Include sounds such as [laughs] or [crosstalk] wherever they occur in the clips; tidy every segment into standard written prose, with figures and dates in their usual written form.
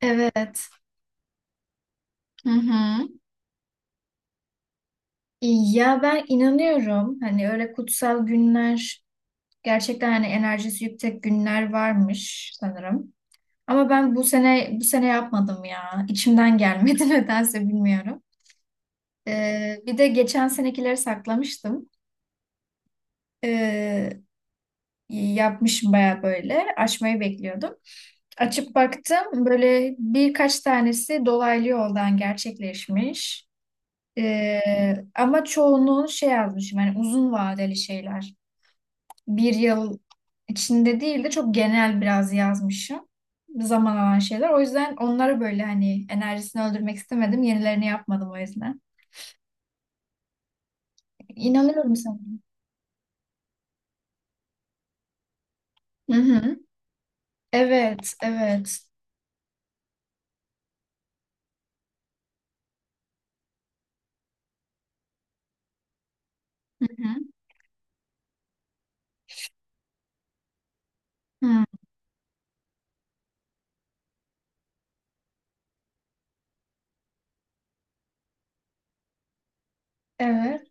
Evet. Hı hı. Ya ben inanıyorum hani öyle kutsal günler gerçekten hani enerjisi yüksek günler varmış sanırım. Ama ben bu sene yapmadım ya. İçimden gelmedi [laughs] nedense bilmiyorum. Bir de geçen senekileri saklamıştım. Ee, Yapmışım baya böyle açmayı bekliyordum. Açıp baktım böyle birkaç tanesi dolaylı yoldan gerçekleşmiş. Ama çoğunluğunu şey yazmışım, yani uzun vadeli şeyler. Bir yıl içinde değil de çok genel biraz yazmışım. Zaman alan şeyler. O yüzden onları böyle hani enerjisini öldürmek istemedim. Yenilerini yapmadım o yüzden. İnanıyorum sanırım. Hı hı. Evet, evet. Hı hı. Hı. Evet.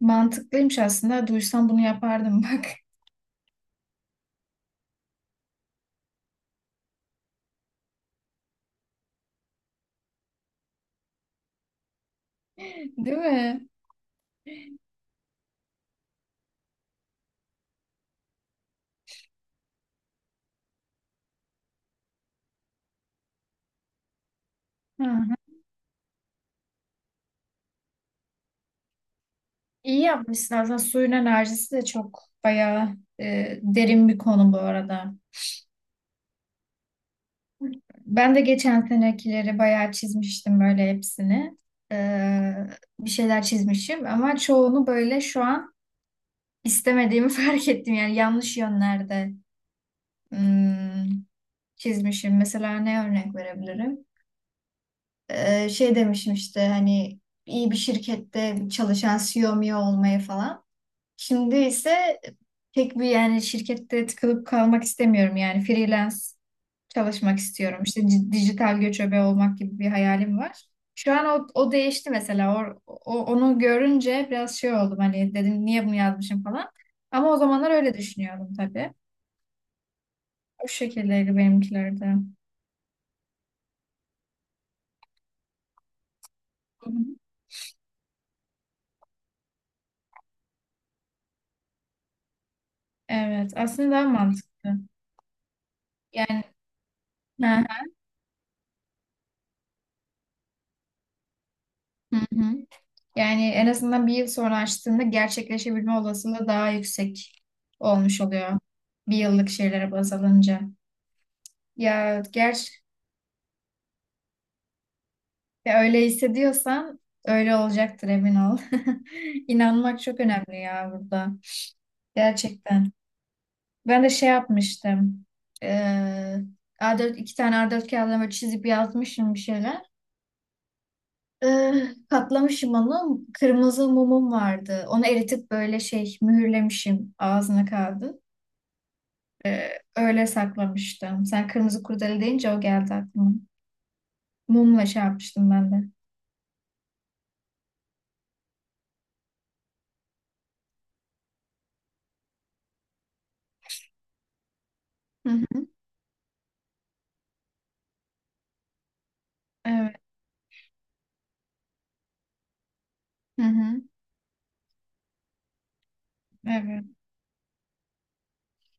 Mantıklıymış aslında. Duysam bunu yapardım bak. [laughs] Değil mi? Hı hı. İyi yapmışsın. Aslında suyun enerjisi de çok bayağı derin bir konu bu arada. Ben de geçen senekileri bayağı çizmiştim böyle hepsini. Ee, Bir şeyler çizmişim ama çoğunu böyle şu an istemediğimi [laughs] fark ettim. Yani yanlış yönlerde hmm, çizmişim. Mesela ne örnek verebilirim? Şey demişim işte hani iyi bir şirkette çalışan CEO mu olmayı falan. Şimdi ise pek bir, yani şirkette tıkılıp kalmak istemiyorum, yani freelance çalışmak istiyorum. İşte dijital göçebe olmak gibi bir hayalim var. Şu an o değişti mesela. Onu görünce biraz şey oldum, hani dedim niye bunu yazmışım falan. Ama o zamanlar öyle düşünüyordum tabii. O şekildeydi benimkiler de. Hı hı. Evet, aslında daha mantıklı. Hı hı. Hı hı. Yani en azından bir yıl sonra açtığında gerçekleşebilme olasılığı daha yüksek olmuş oluyor. Bir yıllık şeylere baz alınca. Ya gerçi Ya öyle hissediyorsan öyle olacaktır, emin ol. [laughs] İnanmak çok önemli ya burada. Gerçekten. Ben de şey yapmıştım. Ee, A4, iki tane A4 kağıdına böyle çizip yazmışım bir şeyler. Ee, Katlamışım onu. Kırmızı mumum vardı. Onu eritip böyle şey mühürlemişim ağzına kağıdı. Ee, Öyle saklamıştım. Sen kırmızı kurdele deyince o geldi aklıma. Mumla şey yapmıştım ben de. Hı hı. Evet. Hı hı. Evet.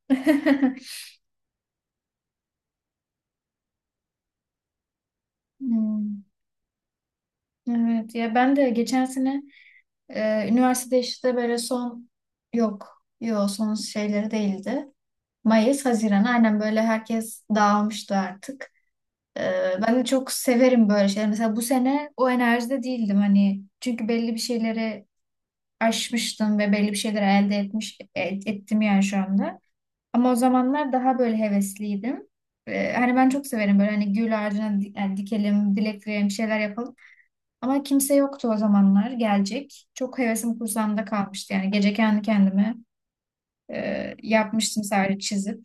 [laughs] Hmm. Evet, ya ben de geçen sene üniversitede işte böyle son, yok yok, son şeyleri değildi. Mayıs, Haziran, aynen böyle herkes dağılmıştı artık. E, Ben de çok severim böyle şeyler. Mesela bu sene o enerjide değildim, hani çünkü belli bir şeyleri aşmıştım ve belli bir şeyleri ettim yani şu anda. Ama o zamanlar daha böyle hevesliydim. Hani ben çok severim böyle, hani gül ağacına yani dikelim, dilek dileyelim, bir şeyler yapalım. Ama kimse yoktu o zamanlar gelecek. Çok hevesim kursağımda kalmıştı. Yani gece kendi kendime yapmıştım sadece çizip.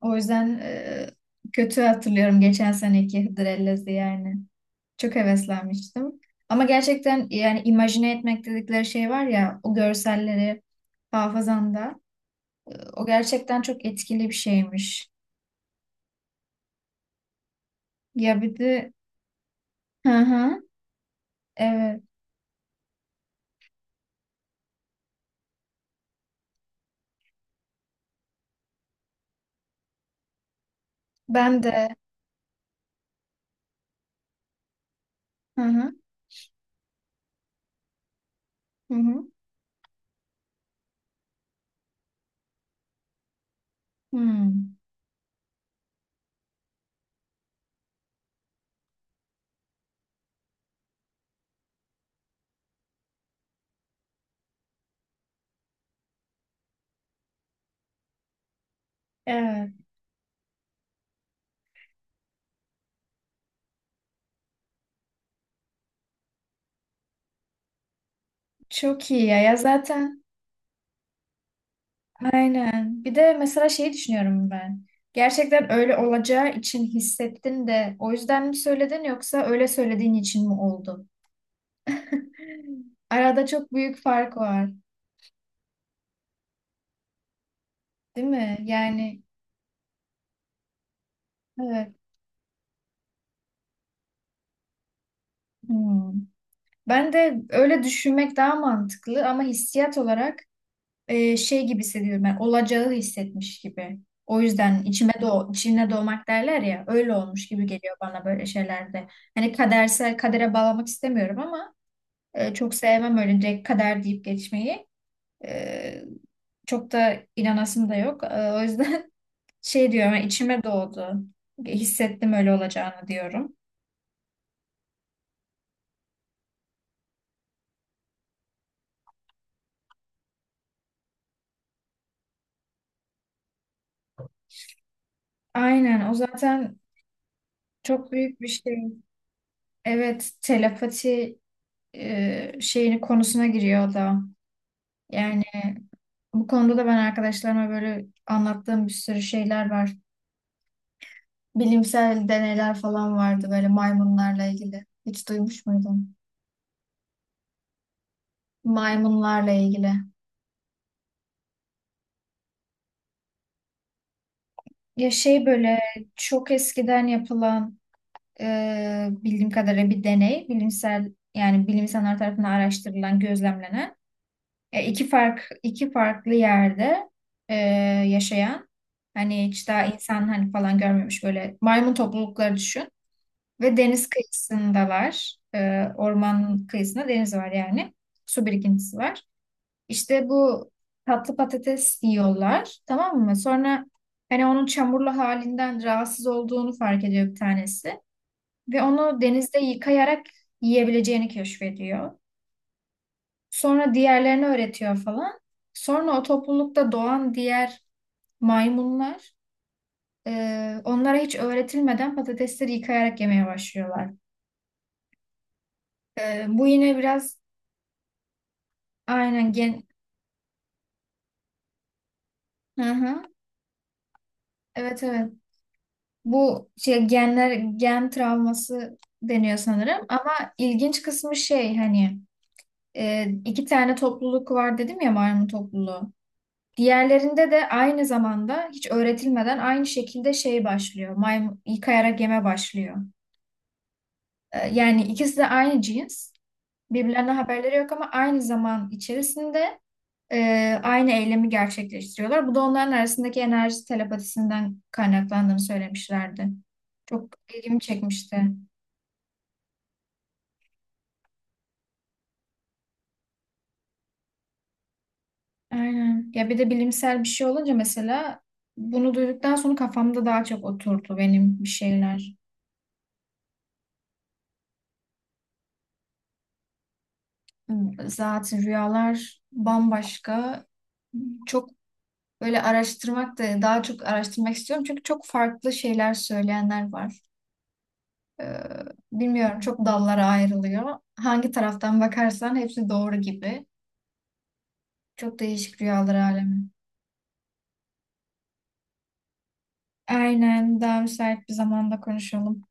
O yüzden kötü hatırlıyorum geçen seneki Hıdrellez'i yani. Çok heveslenmiştim. Ama gerçekten yani imajine etmek dedikleri şey var ya, o görselleri hafızanda. O gerçekten çok etkili bir şeymiş. Ya bir de hı hı, evet, ben de. Hı hı. Hı hı. Hı. Evet. Çok iyi ya. Ya zaten. Aynen. Bir de mesela şeyi düşünüyorum ben. Gerçekten öyle olacağı için hissettin de o yüzden mi söyledin, yoksa öyle söylediğin için mi oldu? [laughs] Arada çok büyük fark var, değil mi? Yani evet. Hmm. Ben de öyle düşünmek daha mantıklı ama hissiyat olarak şey gibi hissediyorum, ben, olacağı hissetmiş gibi. O yüzden içime doğ içine doğmak derler ya, öyle olmuş gibi geliyor bana böyle şeylerde. Hani kadere bağlamak istemiyorum ama çok sevmem öyle direkt kader deyip geçmeyi. E, Çok da inanasım da yok. O yüzden [laughs] şey diyorum, yani içime doğdu. Hissettim öyle olacağını diyorum. Aynen, o zaten çok büyük bir şey. Evet, telepati şeyini, konusuna giriyor o da. Yani bu konuda da ben arkadaşlarıma böyle anlattığım bir sürü şeyler var. Bilimsel deneyler falan vardı böyle maymunlarla ilgili. Hiç duymuş muydun? Maymunlarla ilgili. Ya şey böyle çok eskiden yapılan bildiğim kadarıyla bir deney, bilimsel, yani bilim insanlar tarafından araştırılan, gözlemlenen, iki farklı yerde e, yaşayan, hani hiç daha insan hani falan görmemiş böyle maymun toplulukları düşün ve deniz kıyısındalar. Orman kıyısında deniz var yani. Su birikintisi var. İşte bu tatlı patates yiyorlar, tamam mı? Sonra hani onun çamurlu halinden rahatsız olduğunu fark ediyor bir tanesi. Ve onu denizde yıkayarak yiyebileceğini keşfediyor. Sonra diğerlerini öğretiyor falan. Sonra o toplulukta doğan diğer maymunlar e, onlara hiç öğretilmeden patatesleri yıkayarak yemeye başlıyorlar. Bu yine biraz aynen gen... Hı hı. Evet, evet. Bu gen travması deniyor sanırım ama ilginç kısmı şey, hani, iki tane topluluk var dedim ya, maymun topluluğu. Diğerlerinde de aynı zamanda hiç öğretilmeden aynı şekilde şey başlıyor. Maymun yıkayarak yeme başlıyor. Yani ikisi de aynı cins. Birbirlerine haberleri yok ama aynı zaman içerisinde e, aynı eylemi gerçekleştiriyorlar. Bu da onların arasındaki enerji telepatisinden kaynaklandığını söylemişlerdi. Çok ilgimi çekmişti. Aynen. Ya bir de bilimsel bir şey olunca mesela, bunu duyduktan sonra kafamda daha çok oturdu benim bir şeyler. Zaten rüyalar bambaşka. Çok böyle araştırmak da, daha çok araştırmak istiyorum. Çünkü çok farklı şeyler söyleyenler var. Ee, Bilmiyorum, çok dallara ayrılıyor. Hangi taraftan bakarsan hepsi doğru gibi. Çok değişik rüyalar alemi. Aynen, daha müsait bir zamanda konuşalım.